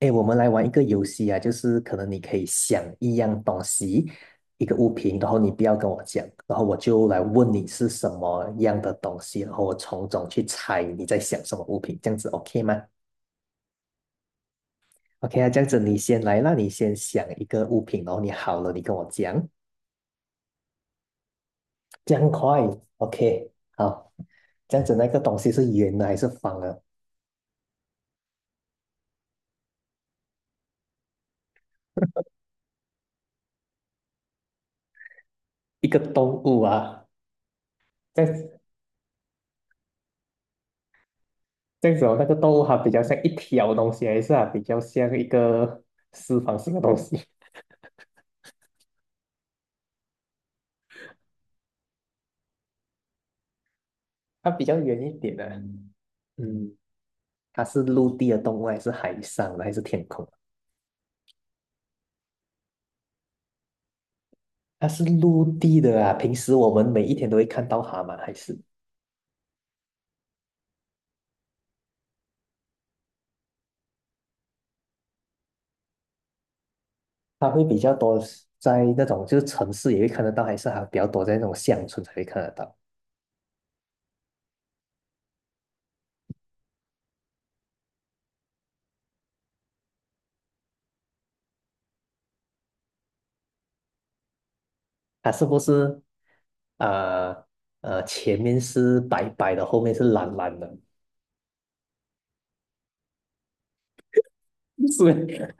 哎，我们来玩一个游戏啊，就是可能你可以想一样东西，一个物品，然后你不要跟我讲，然后我就来问你是什么样的东西，然后我从中去猜你在想什么物品，这样子 OK 吗？OK 啊，这样子你先来那你先想一个物品，然后你好了，你跟我讲，这样快，OK，好，这样子那个东西是圆的还是方的？一个动物啊，这样子这样子哦那个动物它比较像一条东西，还是啊比较像一个四方形的东西？它比较远一点的，嗯，它是陆地的动物，还是海上的，还是天空？它是陆地的啊。平时我们每一天都会看到它嘛，还是它会比较多在那种就是城市也会看得到，还是还比较多在那种乡村才会看得到？它是不是呃前面是白白的，后面是蓝蓝的？是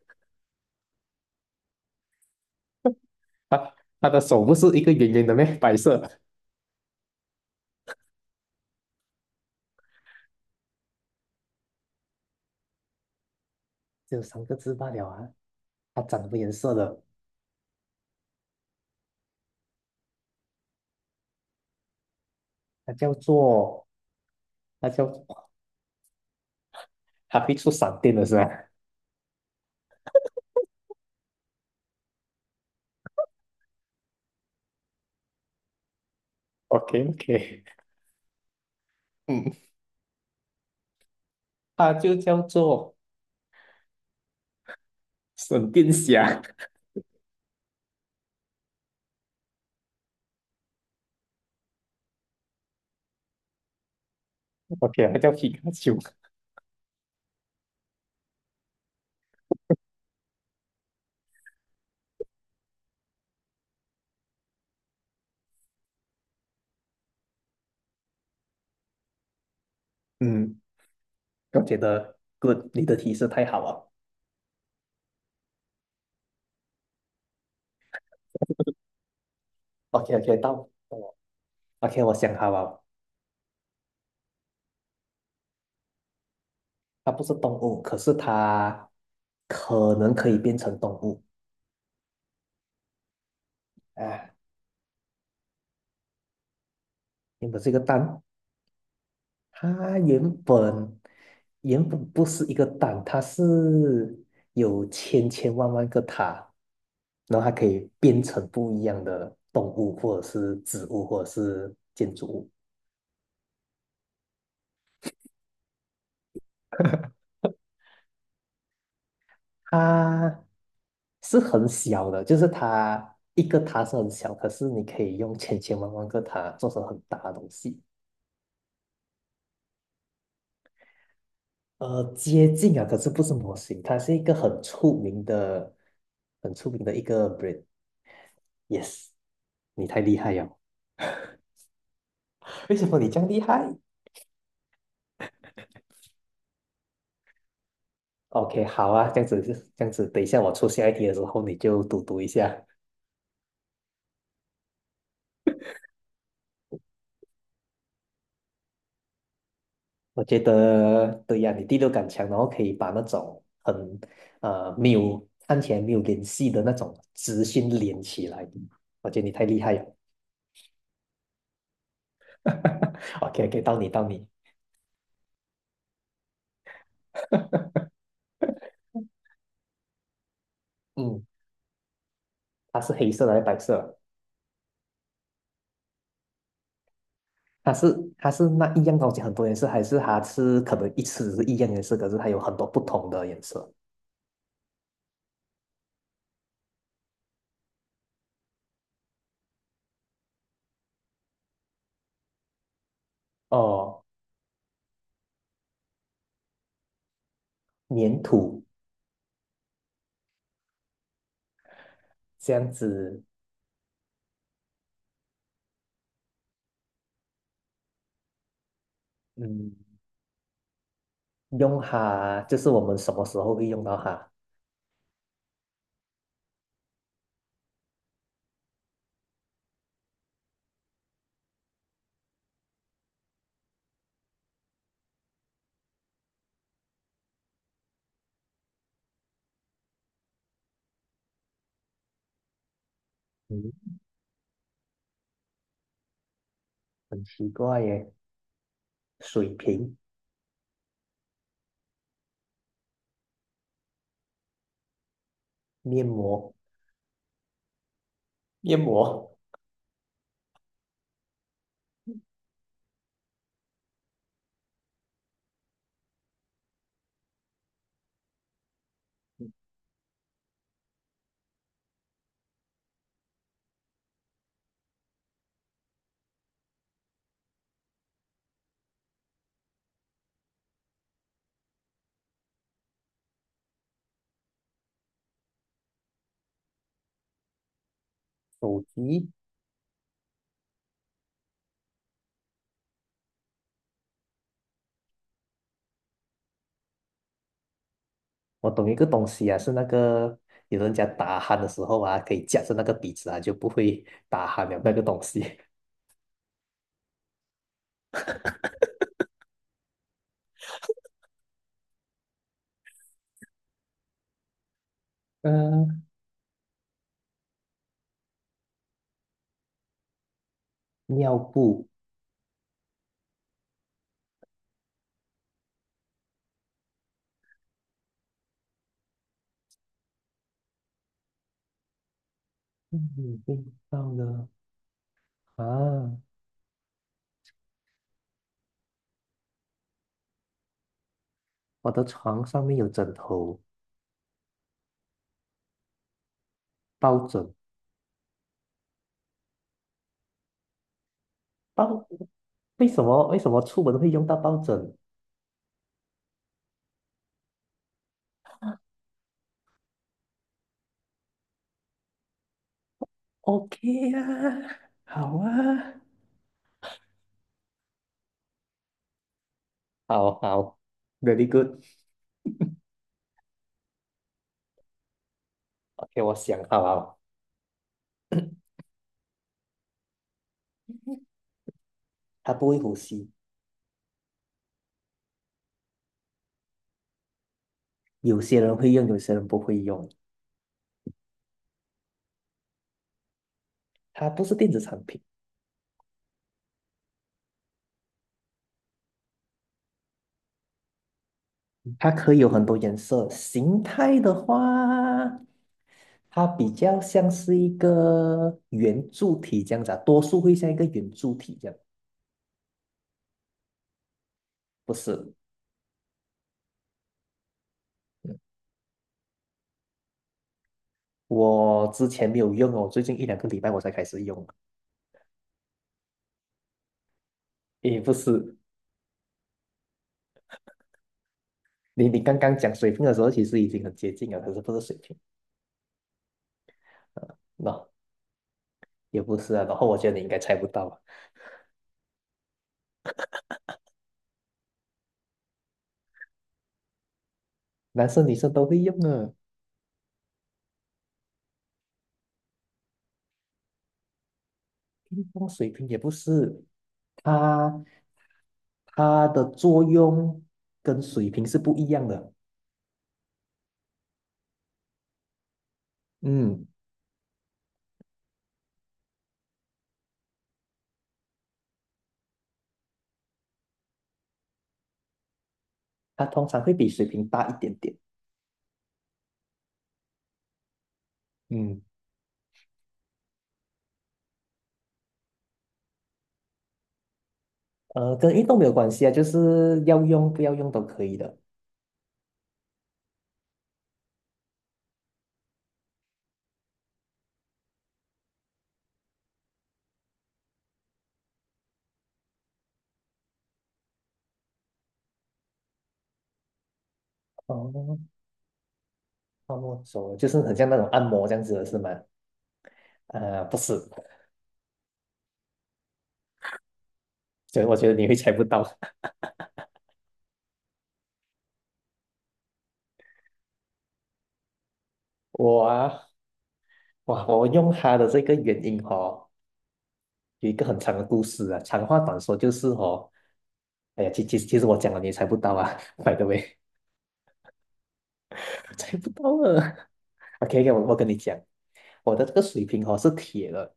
它它的手不是一个圆圆的咩？白色。只有三个字罢了啊！它长什么颜色的？它叫做它叫它会出闪电的是吧？OK OK,嗯，它就叫做闪电侠，OK,它叫皮卡丘。嗯，我觉得 good,你的提示太好了。OK OK,到 OK,我想好了，它不是动物，可是它可能可以变成动物。啊，原的这个蛋，它原本原本不是一个蛋，它是有千千万万个塔，然后它可以变成不一样的动物，或者是植物，或者是建筑物。它是很小的，就是它一个塔是很小，可是你可以用千千万万个塔做成很大的东西。呃，接近啊，可是不是模型，它是一个很出名的一个 brand。Yes,你太厉害了。为什么你这样厉害？OK,好啊，这样子，等一下我出下一题的时候你就读一下。我觉得对呀、你第六感强，然后可以把那种很没有看起来没有联系的那种直讯连起来。我觉得你太厉害了。OK OK,到你。嗯，它是黑色的还是白色的它是它是那一样东西很多颜色，还是它是可能一次只是一样颜色，可是它有很多不同的颜色？哦粘土这样子，嗯，用它就是我们什么时候会用到它？嗯，很奇怪耶。水瓶、面膜、面膜、手机，我懂一个东西啊，是那个有人家打鼾的时候啊，可以夹着那个鼻子啊，就不会打鼾了那个东西。嗯，尿布，嗯，味道呢？啊，我的床上面有枕头、抱枕，抱，为什么出门会用到抱枕？OK 啊，好啊，好好，very good。,OK,我想好了，它不会呼吸，有些人会用，有些人不会用。它不是电子产品，它可以有很多颜色。形态的话，它比较像是一个圆柱体这样子啊，多数会像一个圆柱体这样。不是，嗯我之前没有用哦，最近一两个礼拜我才开始用。也不是，你刚刚讲水平的时候，其实已经很接近了，可是不是水平，那、也不是啊。然后我觉得你应该猜不到啊，男生女生都会用的，运动水平也不是，它它的作用跟水平是不一样的。嗯，它通常会比水平大一点点。嗯，呃，跟运动没有关系啊，就是要用不要用都可以的。哦，按摩手啊就是很像那种按摩这样子的是吗？呃，不是，所以我觉得你会猜不到。我啊，哇，我用它的这个原因哦，有一个很长的故事啊。长话短说就是哦，哎呀，其实我讲了你也猜不到啊 ，by the way,猜不到了。OK，OK，我跟你讲，我的这个水瓶哦是铁的，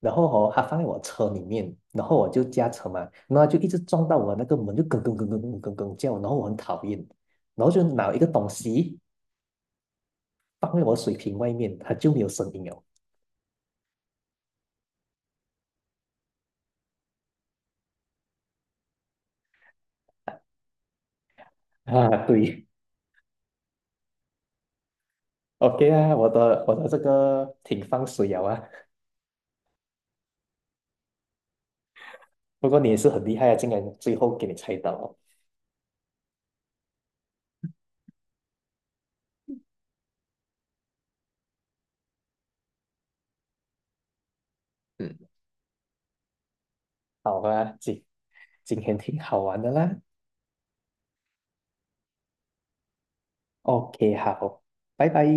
然后哦它放在我车里面，然后我就驾车嘛，然后它就一直撞到我那个门，就咯咯咯咯咯咯咯叫，然后我很讨厌，然后就拿一个东西放在我水瓶外面，它就没有声音了。啊，对。OK 啊，我的这个挺放水了啊。不过你也是很厉害啊，竟然最后给你猜到哦。嗯，好啊，今天挺好玩的啦。OK,好，拜拜。